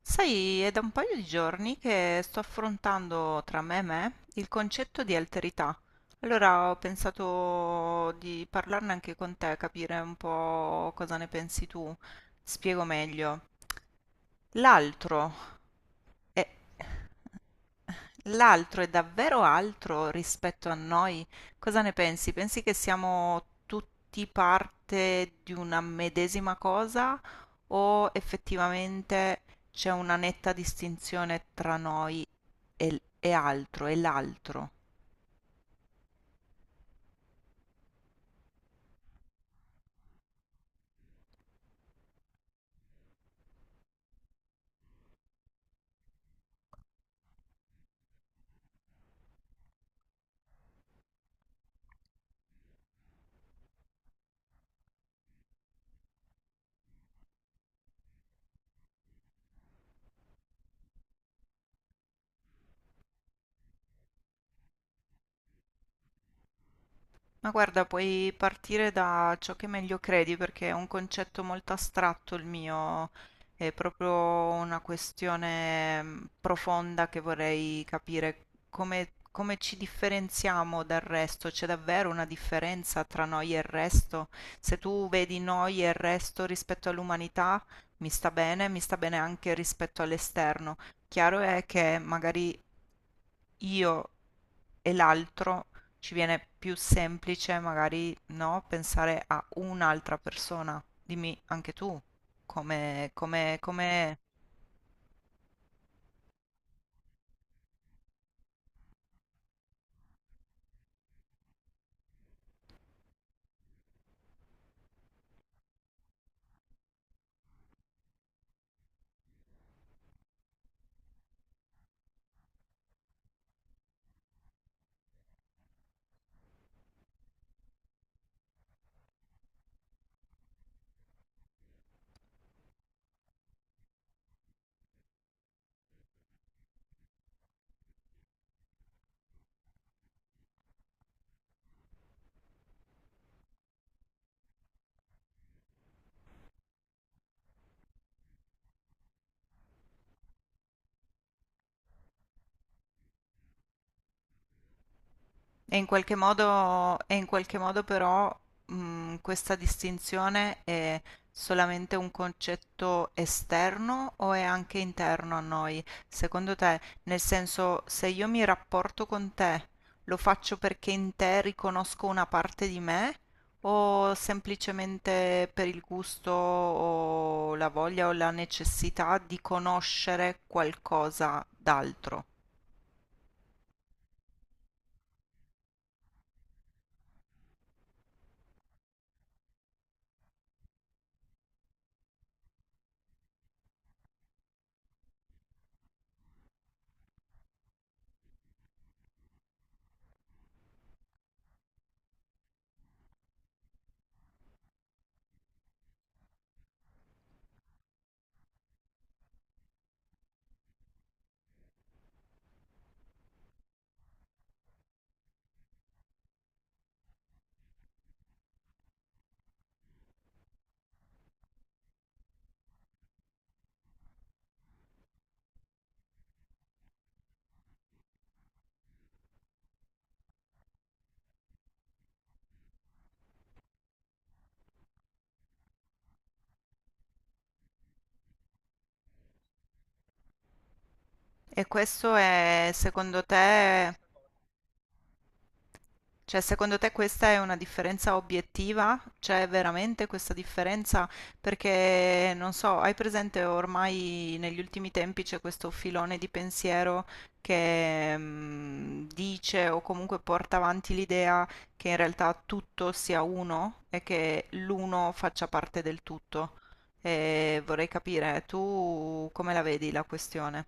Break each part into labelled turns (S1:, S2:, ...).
S1: Sai, è da un paio di giorni che sto affrontando tra me e me il concetto di alterità. Allora ho pensato di parlarne anche con te, capire un po' cosa ne pensi tu. Spiego meglio. L'altro è L'altro è davvero altro rispetto a noi? Cosa ne pensi? Pensi che siamo tutti parte di una medesima cosa o effettivamente c'è una netta distinzione tra noi e altro, e l'altro? Ma guarda, puoi partire da ciò che meglio credi perché è un concetto molto astratto il mio, è proprio una questione profonda che vorrei capire come ci differenziamo dal resto, c'è davvero una differenza tra noi e il resto? Se tu vedi noi e il resto rispetto all'umanità, mi sta bene anche rispetto all'esterno. Chiaro è che magari io e l'altro ci viene più semplice magari no, pensare a un'altra persona. Dimmi anche tu come. E in qualche modo però questa distinzione è solamente un concetto esterno o è anche interno a noi? Secondo te, nel senso, se io mi rapporto con te, lo faccio perché in te riconosco una parte di me o semplicemente per il gusto o la voglia o la necessità di conoscere qualcosa d'altro? E questo è, secondo te. Cioè, secondo te questa è una differenza obiettiva? C'è veramente questa differenza? Perché, non so, hai presente ormai negli ultimi tempi c'è questo filone di pensiero che dice o comunque porta avanti l'idea che in realtà tutto sia uno e che l'uno faccia parte del tutto. E vorrei capire, tu come la vedi la questione?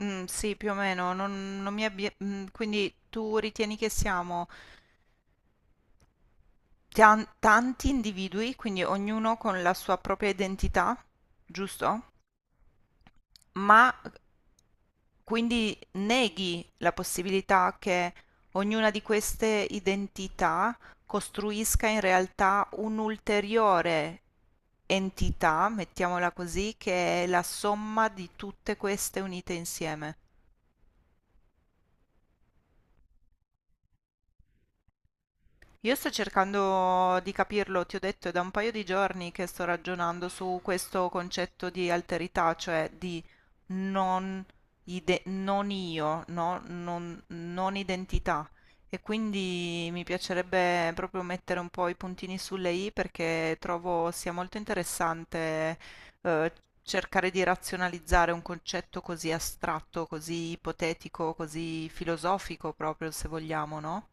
S1: Mm, sì, più o meno, non quindi tu ritieni che siamo tanti individui, quindi ognuno con la sua propria identità, giusto? Ma quindi neghi la possibilità che ognuna di queste identità costruisca in realtà un'ulteriore entità, mettiamola così, che è la somma di tutte queste unite insieme. Io sto cercando di capirlo, ti ho detto, è da un paio di giorni che sto ragionando su questo concetto di alterità, cioè di non, non io, no? Non identità. E quindi mi piacerebbe proprio mettere un po' i puntini sulle i perché trovo sia molto interessante eh, cercare di razionalizzare un concetto così astratto, così ipotetico, così filosofico proprio, se vogliamo, no?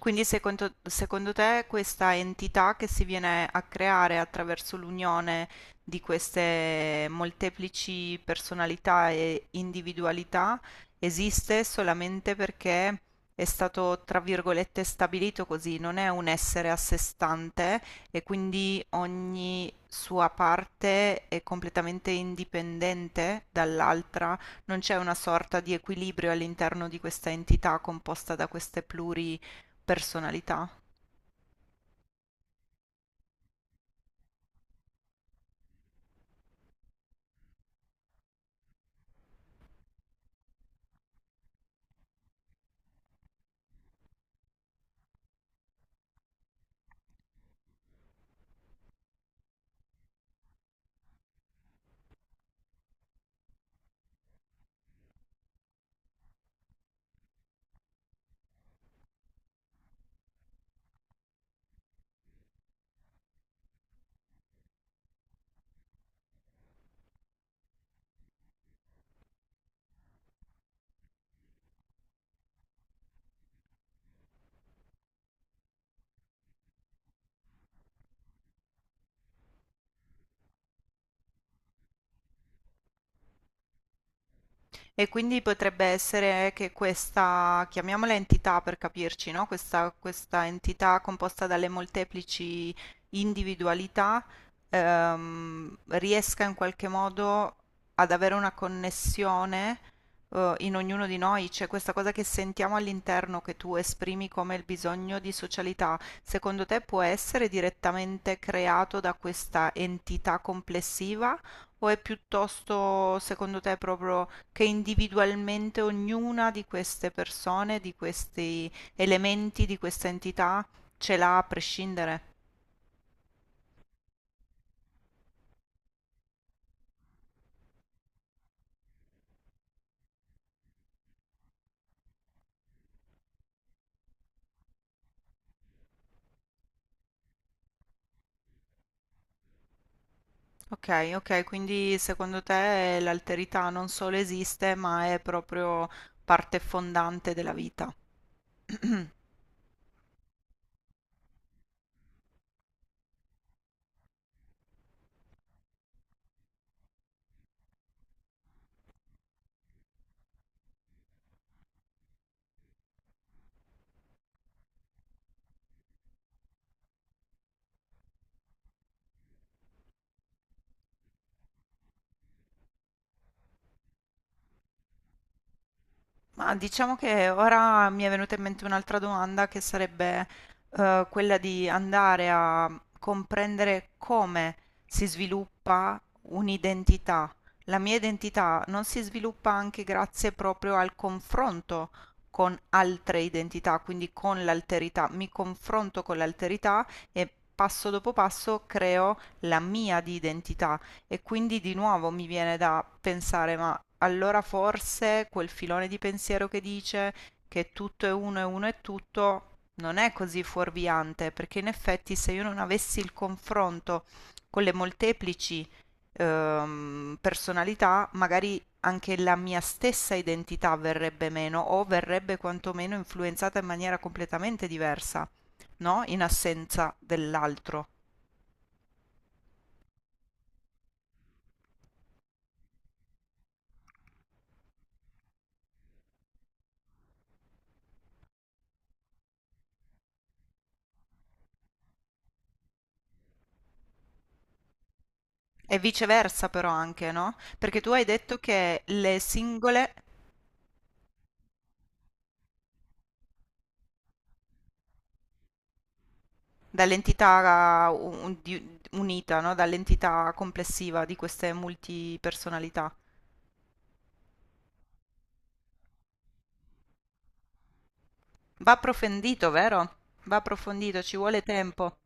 S1: Quindi secondo te questa entità che si viene a creare attraverso l'unione di queste molteplici personalità e individualità esiste solamente perché è stato, tra virgolette, stabilito così, non è un essere a sé stante e quindi ogni sua parte è completamente indipendente dall'altra, non c'è una sorta di equilibrio all'interno di questa entità composta da queste pluri personalità. E quindi potrebbe essere che questa, chiamiamola entità per capirci, no? Questa entità composta dalle molteplici individualità riesca in qualche modo ad avere una connessione in ognuno di noi, c'è questa cosa che sentiamo all'interno che tu esprimi come il bisogno di socialità, secondo te può essere direttamente creato da questa entità complessiva o è piuttosto, secondo te, proprio che individualmente ognuna di queste persone, di questi elementi, di questa entità ce l'ha a prescindere? Ok, ok, quindi secondo te l'alterità non solo esiste, ma è proprio parte fondante della vita. Ma diciamo che ora mi è venuta in mente un'altra domanda che sarebbe quella di andare a comprendere come si sviluppa un'identità. La mia identità non si sviluppa anche grazie proprio al confronto con altre identità, quindi con l'alterità. Mi confronto con l'alterità e passo dopo passo creo la mia di identità e quindi di nuovo mi viene da pensare, ma allora forse quel filone di pensiero che dice che tutto è uno e uno è tutto non è così fuorviante, perché in effetti se io non avessi il confronto con le molteplici personalità, magari anche la mia stessa identità verrebbe meno o verrebbe quantomeno influenzata in maniera completamente diversa, no? In assenza dell'altro. E viceversa però anche, no? Perché tu hai detto che le singole dall'entità unita, no? Dall'entità complessiva di queste multipersonalità. Va approfondito, vero? Va approfondito, ci vuole tempo.